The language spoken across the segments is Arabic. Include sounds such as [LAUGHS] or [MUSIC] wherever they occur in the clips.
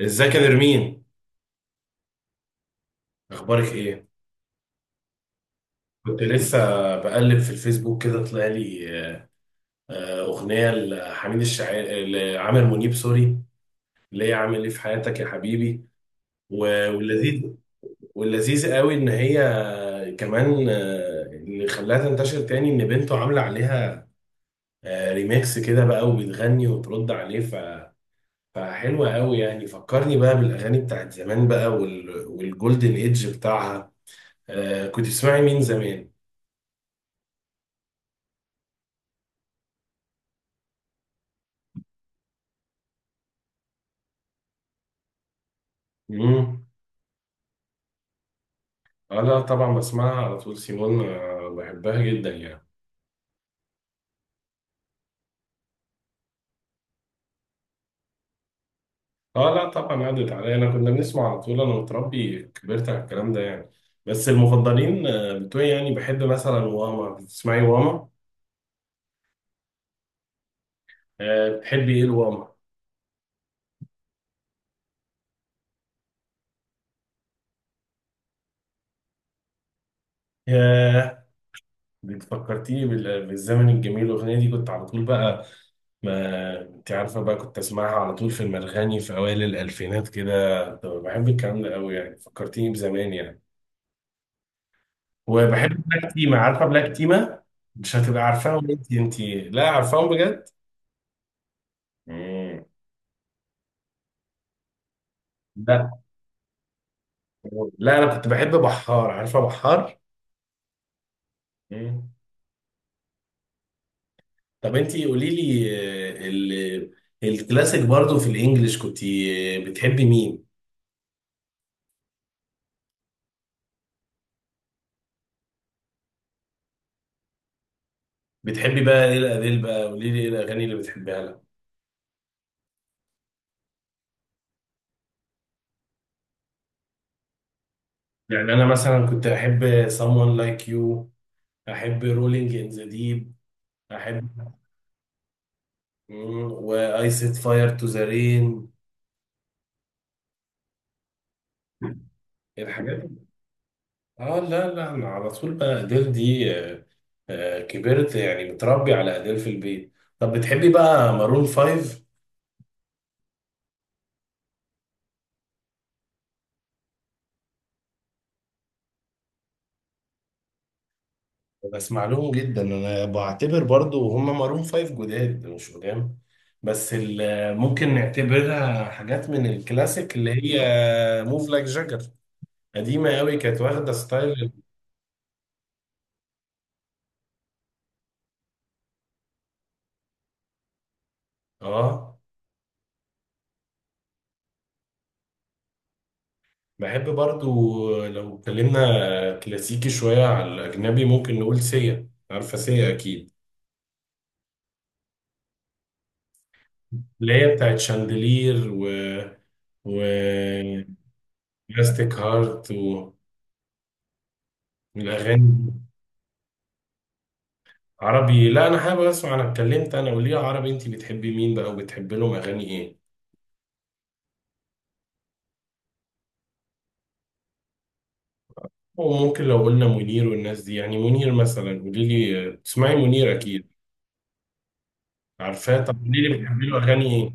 ازيك يا نرمين، اخبارك ايه؟ كنت لسه بقلب في الفيسبوك كده طلع لي اغنيه لحميد الشاعري لعامر منيب سوري اللي هي عامل ايه في حياتك يا حبيبي و- واللذيذ واللذيذ قوي ان هي كمان اللي خلاها تنتشر تاني ان بنته عامله عليها ريميكس كده بقى وبتغني وترد عليه فحلوه قوي يعني، فكرني بقى بالاغاني بتاعت زمان بقى والجولدن ايدج بتاعها. كنت بتسمعي مين زمان؟ مم. اه لا طبعا بسمعها على طول سيمون بحبها جدا يعني. اه لا طبعا عدت عليا، انا كنا بنسمع على طول، انا متربي كبرت على الكلام ده يعني. بس المفضلين بتوعي يعني بحب مثلا، واما بتسمعي واما. بتحبي ايه الواما؟ ياه. بتفكرتيني بالزمن الجميل، الاغنيه دي كنت على طول بقى، ما انت عارفه بقى كنت اسمعها على طول في المرغني في اوائل الالفينات كده، طب بحب الكلام ده قوي يعني، فكرتيني بزمان يعني. وبحب بلاك تيما، عارفه بلاك تيما؟ مش هتبقى عارفاهم انت انت. لا عارفاهم بجد. مم. لا لا انا كنت بحب بحار، عارفه بحار؟ مم. طب انت قولي لي آه، ال- الكلاسيك برضو في الانجليش كنت بتحبي مين؟ بتحبي بقى ايه الاديل بقى؟ قولي لي ايه الاغاني اللي بتحبيها لها؟ يعني انا مثلا كنت احب someone like you، احب rolling in the deep، احب واي set fire to the rain، الحاجات. اه لا لا انا على طول بقى اديل دي. كبرت يعني متربي على اديل في البيت. طب بتحبي بقى مارون فايف؟ بسمع لهم جدا، انا بعتبر برضو هم مارون فايف جداد مش قدام، بس ممكن نعتبرها حاجات من الكلاسيك اللي هي موف لايك جاجر، قديمة قوي كانت واخدة ستايل. اه بحب برضو لو اتكلمنا كلاسيكي شوية على الأجنبي ممكن نقول سيا، عارفة سيا أكيد؟ اللي هي بتاعت شاندلير و بلاستيك هارت، والأغاني دي. عربي، لا أنا حابب أسمع، أنا اتكلمت أنا وليه عربي، أنت بتحبي مين بقى وبتحبي لهم أغاني إيه؟ وممكن لو قلنا منير والناس دي، يعني منير مثلا قولي لي تسمعي منير أكيد؟ عارفاه، طب قولي لي بتحبي له أغاني إيه؟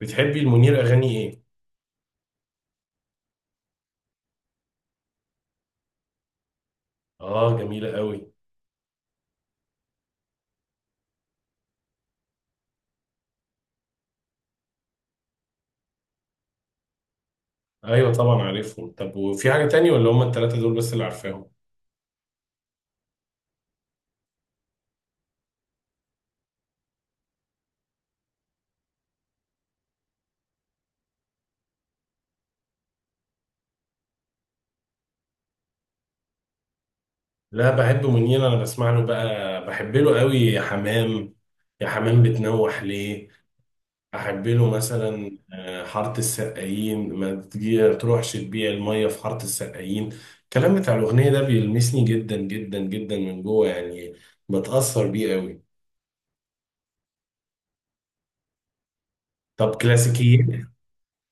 بتحبي المنير أغاني إيه؟ آه جميلة قوي. أيوة طبعا عارفهم، طب وفي حاجة تانية ولا هما التلاتة دول بس اللي عارفاهم؟ لا بحبه، منين انا بسمع له بقى، بحب له قوي يا حمام، يا حمام بتنوح ليه، احب له مثلا حاره السقايين، ما تجي تروحش تبيع الميه في حاره السقايين، الكلام بتاع الاغنيه ده بيلمسني جدا جدا جدا من جوه يعني، بتاثر بيه قوي. طب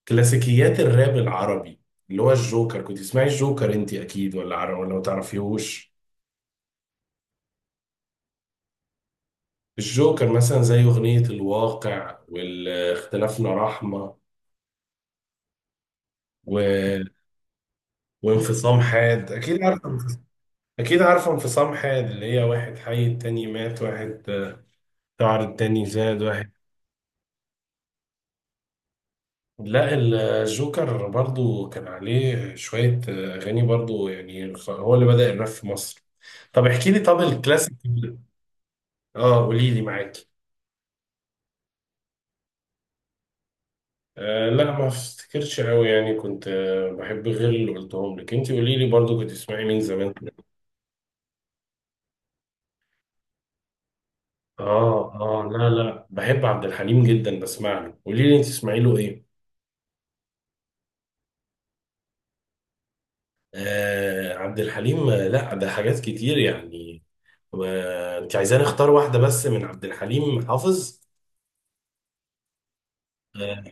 كلاسيكيات الراب العربي اللي هو الجوكر، كنت تسمعي الجوكر انت اكيد ولا ما تعرفيهوش؟ الجوكر مثلا زي اغنيه الواقع واختلافنا رحمه و... وانفصام حاد، اكيد عارفه اكيد عارفه انفصام حاد اللي هي واحد حي التاني مات واحد، شعر التاني زاد واحد. لا الجوكر برضو كان عليه شوية أغاني برضو يعني هو اللي بدأ الراب في مصر. طب احكي لي، طب الكلاسيك، اه قولي لي معاكي. آه لا ما افتكرش قوي يعني كنت بحب غير اللي قلتهم لك، انت قولي لي برضو كنت تسمعي مين زمان؟ اه اه لا لا بحب عبد الحليم جدا بسمع له، قولي لي انت تسمعي له ايه؟ آه عبد الحليم، لا ده حاجات كتير يعني، انت عايزاني اختار واحدة بس من عبد الحليم حافظ؟ آه،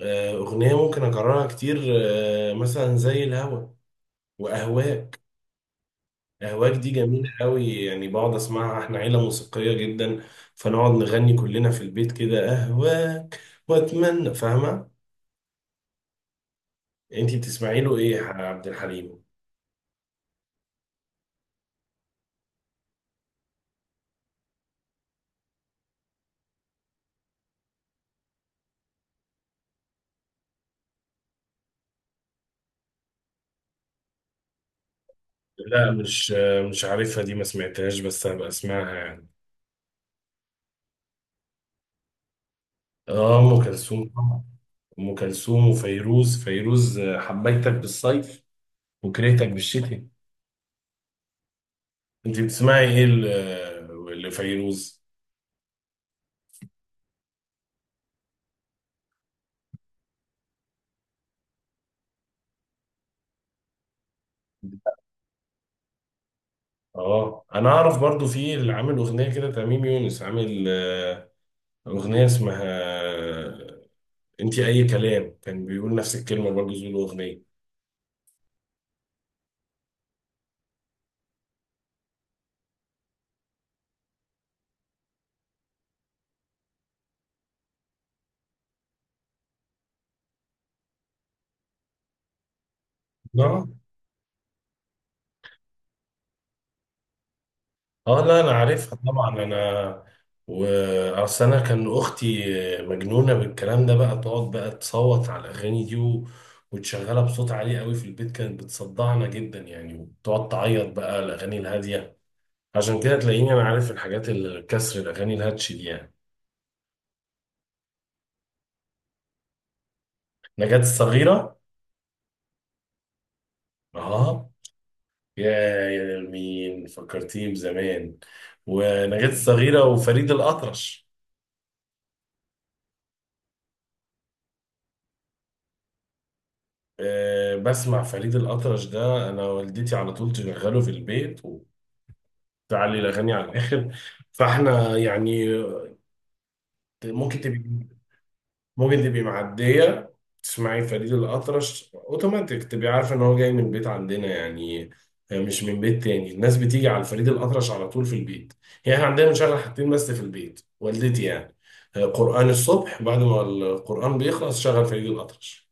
أغنية ممكن أكررها كتير، مثلا زي الهوى وأهواك. أهواك دي جميلة قوي يعني، بقعد أسمعها، إحنا عيلة موسيقية جدا فنقعد نغني كلنا في البيت كده أهواك وأتمنى، فاهمة؟ أنت بتسمعي له إيه يا عبد الحليم؟ لا، مش عارفها دي، ما سمعتهاش بس هبقى أسمعها يعني. آه أم كلثوم طبعا. ام كلثوم وفيروز. فيروز، حبيتك بالصيف وكرهتك بالشتاء. انت بتسمعي ايه لفيروز؟ اه انا اعرف برضو في اللي عامل اغنيه كده تميم يونس عامل اغنيه اسمها انت اي كلام، كان بيقول نفس الكلمه برضو زي الاغنيه. اه اه لا انا عارفها طبعا، انا واصل، انا كان اختي مجنونه بالكلام ده بقى، تقعد بقى تصوت على الاغاني دي وتشغلها بصوت عالي قوي في البيت، كانت بتصدعنا جدا يعني، وتقعد تعيط بقى الاغاني الهاديه، عشان كده تلاقيني انا عارف الحاجات الكسر الاغاني الهاتش دي يعني. نجاة الصغيره. اه يا يا مين فكرتيه بزمان، ونجاة الصغيره وفريد الاطرش. أه بسمع فريد الأطرش، ده أنا والدتي على طول تشغله في البيت وتعلي الأغاني على الآخر، فإحنا يعني ممكن تبقي ممكن تبقي معدية تسمعي فريد الأطرش أوتوماتيك تبقي عارفة إن هو جاي من بيت عندنا يعني، مش من بيت تاني الناس بتيجي على فريد الأطرش على طول في البيت يعني، إحنا عندنا بنشغل حاجتين بس في البيت والدتي يعني قرآن الصبح، بعد ما القرآن بيخلص شغل فريد الأطرش.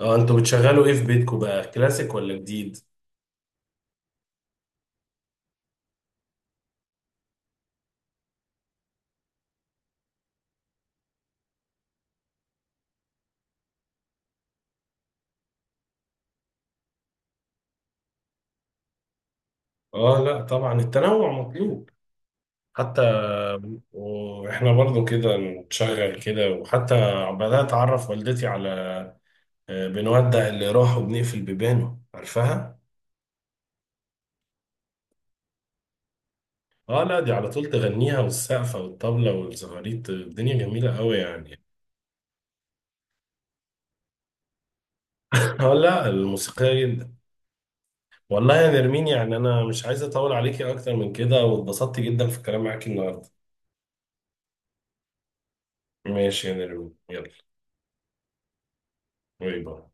اه انتوا بتشغلوا ايه في بيتكم بقى، كلاسيك ولا جديد؟ اه لا طبعا التنوع مطلوب حتى، واحنا برضو كده نشغل كده، وحتى بدأت اعرف والدتي على بنودع اللي راح وبنقفل بيبانه، عارفاها؟ اه لا دي على طول تغنيها والسقفة والطبلة والزغاريت، الدنيا جميلة قوي يعني. [LAUGHS] اه لا، الموسيقية جدا. والله يا نرمين يعني انا مش عايز اطول عليكي اكتر من كده، واتبسطت جدا في الكلام معاكي النهارده. ماشي يا نرمين، يلا. باي باي.